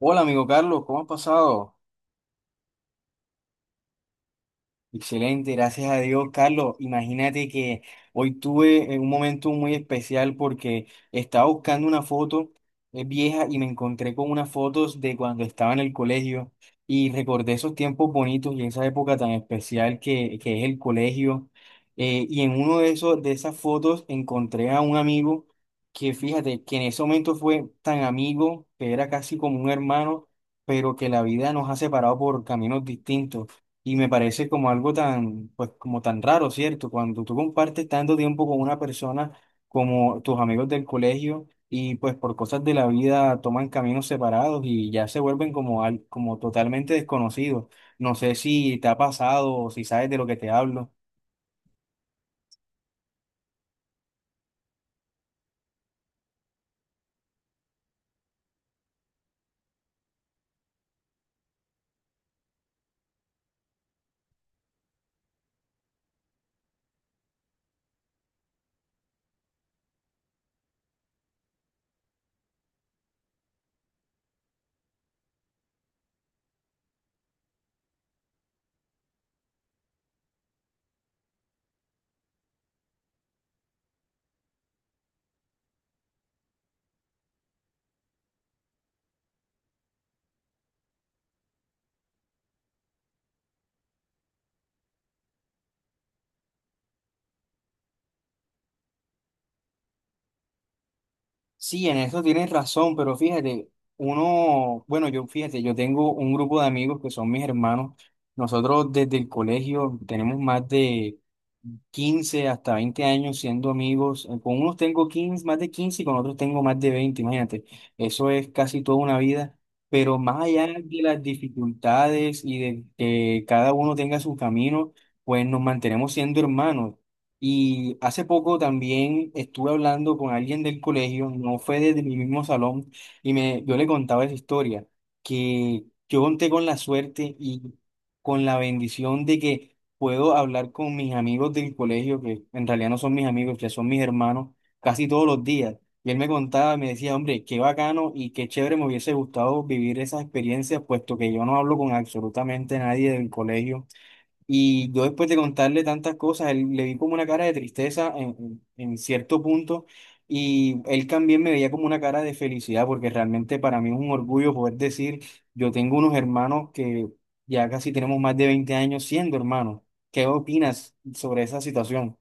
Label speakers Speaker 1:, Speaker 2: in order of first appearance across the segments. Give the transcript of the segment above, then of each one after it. Speaker 1: Hola amigo Carlos, ¿cómo has pasado? Excelente, gracias a Dios, Carlos. Imagínate que hoy tuve un momento muy especial porque estaba buscando una foto vieja y me encontré con unas fotos de cuando estaba en el colegio y recordé esos tiempos bonitos y esa época tan especial que es el colegio. Y en uno de esos, de esas fotos encontré a un amigo que fíjate que en ese momento fue tan amigo que era casi como un hermano, pero que la vida nos ha separado por caminos distintos. Y me parece como algo tan, pues como tan raro, ¿cierto? Cuando tú compartes tanto tiempo con una persona como tus amigos del colegio y pues por cosas de la vida toman caminos separados y ya se vuelven como, como totalmente desconocidos. No sé si te ha pasado o si sabes de lo que te hablo. Sí, en eso tienes razón, pero fíjate, uno, bueno, yo fíjate, yo tengo un grupo de amigos que son mis hermanos. Nosotros desde el colegio tenemos más de 15 hasta 20 años siendo amigos. Con unos tengo 15, más de 15 y con otros tengo más de 20, imagínate. Eso es casi toda una vida. Pero más allá de las dificultades y de que cada uno tenga su camino, pues nos mantenemos siendo hermanos. Y hace poco también estuve hablando con alguien del colegio, no fue desde mi mismo salón, y yo le contaba esa historia, que yo conté con la suerte y con la bendición de que puedo hablar con mis amigos del colegio, que en realidad no son mis amigos, que son mis hermanos, casi todos los días. Y él me contaba, me decía, hombre, qué bacano y qué chévere me hubiese gustado vivir esas experiencias, puesto que yo no hablo con absolutamente nadie del colegio. Y yo después de contarle tantas cosas, él, le vi como una cara de tristeza en cierto punto y él también me veía como una cara de felicidad porque realmente para mí es un orgullo poder decir, yo tengo unos hermanos que ya casi tenemos más de 20 años siendo hermanos. ¿Qué opinas sobre esa situación?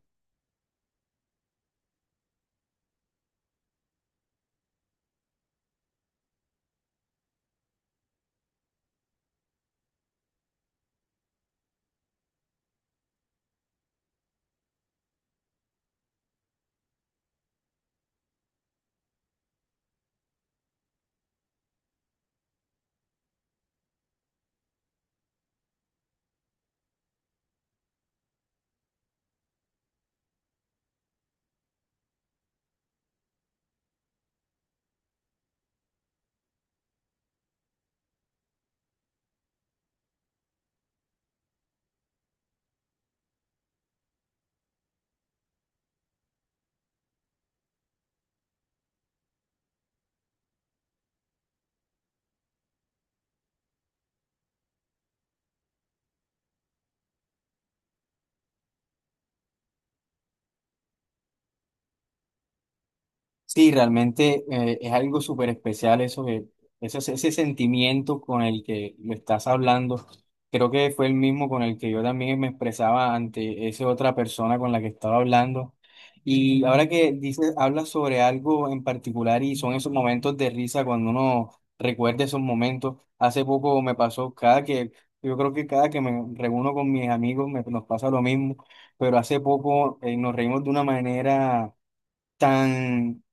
Speaker 1: Sí, realmente es algo súper especial ese sentimiento con el que lo estás hablando. Creo que fue el mismo con el que yo también me expresaba ante esa otra persona con la que estaba hablando. Y ahora que hablas sobre algo en particular y son esos momentos de risa cuando uno recuerda esos momentos. Hace poco me pasó yo creo que cada que me reúno con mis amigos nos pasa lo mismo, pero hace poco nos reímos de una manera tan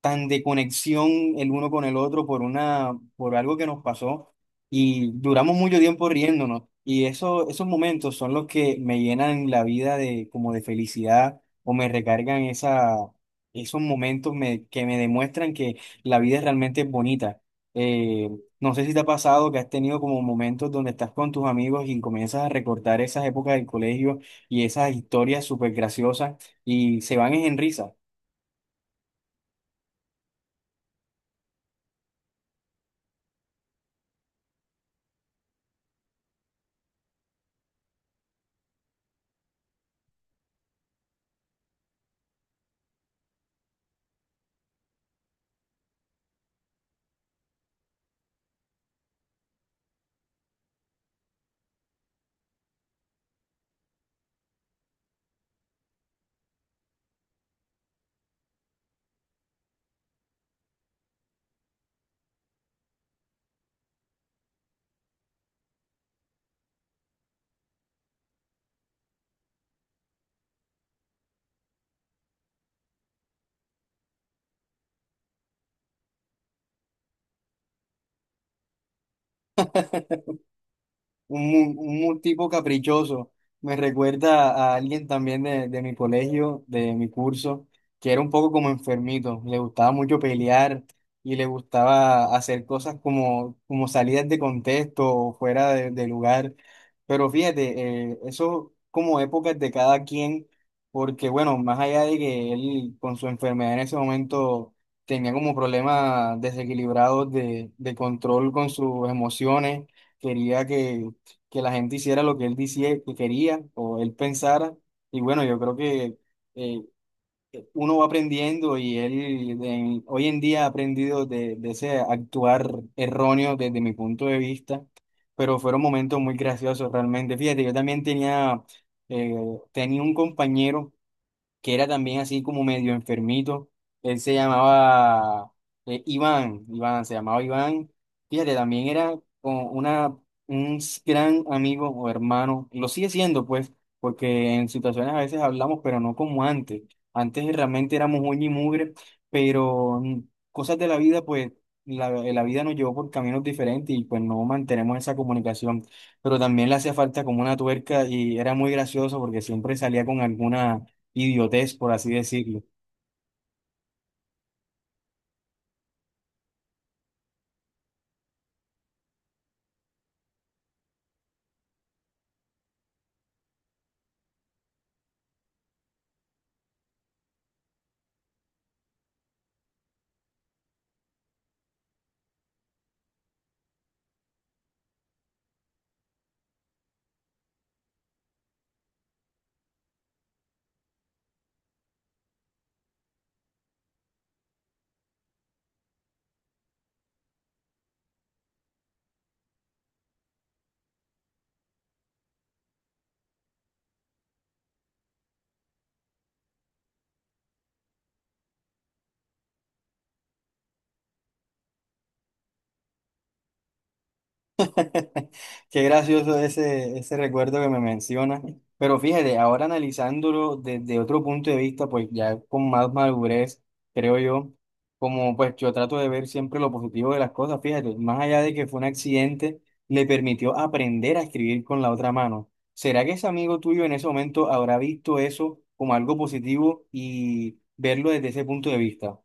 Speaker 1: tan de conexión el uno con el otro por algo que nos pasó y duramos mucho tiempo riéndonos. Y eso, esos momentos son los que me llenan la vida de, como de felicidad o me recargan esa, esos momentos que me demuestran que la vida realmente es bonita. Eh, no sé si te ha pasado que has tenido como momentos donde estás con tus amigos y comienzas a recordar esas épocas del colegio y esas historias súper graciosas y se van en risa. Un tipo caprichoso. Me recuerda a alguien también de mi colegio, de mi curso, que era un poco como enfermito. Le gustaba mucho pelear y le gustaba hacer cosas como salidas de contexto o fuera de lugar. Pero fíjate, eso como épocas de cada quien, porque bueno, más allá de que él con su enfermedad en ese momento tenía como problemas desequilibrados de control con sus emociones, quería que la gente hiciera lo que él decía que quería o él pensara. Y bueno, yo creo que eh, uno va aprendiendo y él hoy en día ha aprendido de ese actuar erróneo desde mi punto de vista, pero fueron momentos muy graciosos realmente. Fíjate, yo también eh, tenía un compañero que era también así como medio enfermito. Él se llamaba Iván, Iván, se llamaba Iván. Fíjate, también era como un gran amigo o hermano. Lo sigue siendo, pues, porque en situaciones a veces hablamos, pero no como antes. Antes realmente éramos uña y mugre, pero cosas de la vida, pues, la vida nos llevó por caminos diferentes y pues no mantenemos esa comunicación. Pero también le hacía falta como una tuerca y era muy gracioso porque siempre salía con alguna idiotez, por así decirlo. Qué gracioso ese recuerdo que me menciona. Pero fíjate, ahora analizándolo desde otro punto de vista, pues ya con más madurez, creo yo, como pues yo trato de ver siempre lo positivo de las cosas, fíjate, más allá de que fue un accidente, le permitió aprender a escribir con la otra mano. ¿Será que ese amigo tuyo en ese momento habrá visto eso como algo positivo y verlo desde ese punto de vista?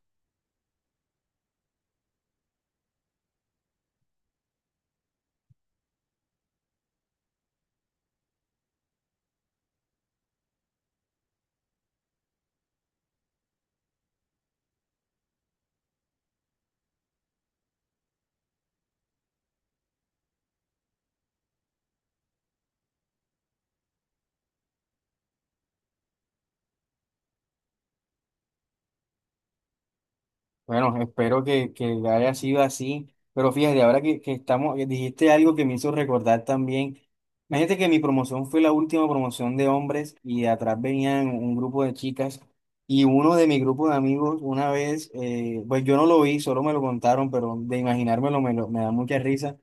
Speaker 1: Bueno, espero que haya sido así, pero fíjate, ahora que que dijiste algo que me hizo recordar también. Imagínate que mi promoción fue la última promoción de hombres y de atrás venían un grupo de chicas y uno de mi grupo de amigos una vez, pues yo no lo vi, solo me lo contaron, pero de imaginármelo me da mucha risa,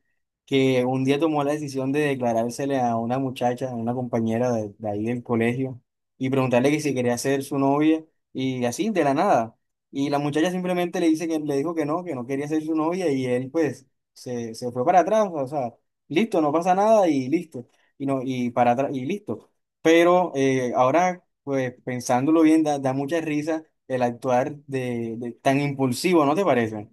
Speaker 1: que un día tomó la decisión de declarársele a una muchacha, a una compañera de ahí del colegio y preguntarle que si quería ser su novia y así de la nada. Y la muchacha simplemente le dice que le dijo que no quería ser su novia y él pues se fue para atrás, o sea, listo, no pasa nada y listo. Y no, y para atrás y listo. Pero ahora pues pensándolo bien da mucha risa el actuar de tan impulsivo, ¿no te parece?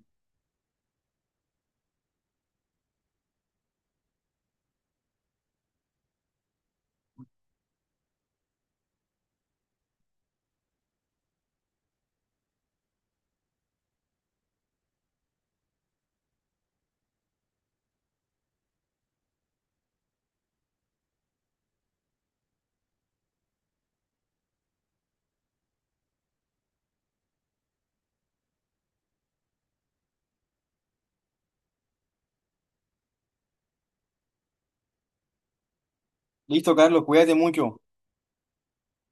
Speaker 1: Listo, Carlos, cuídate mucho.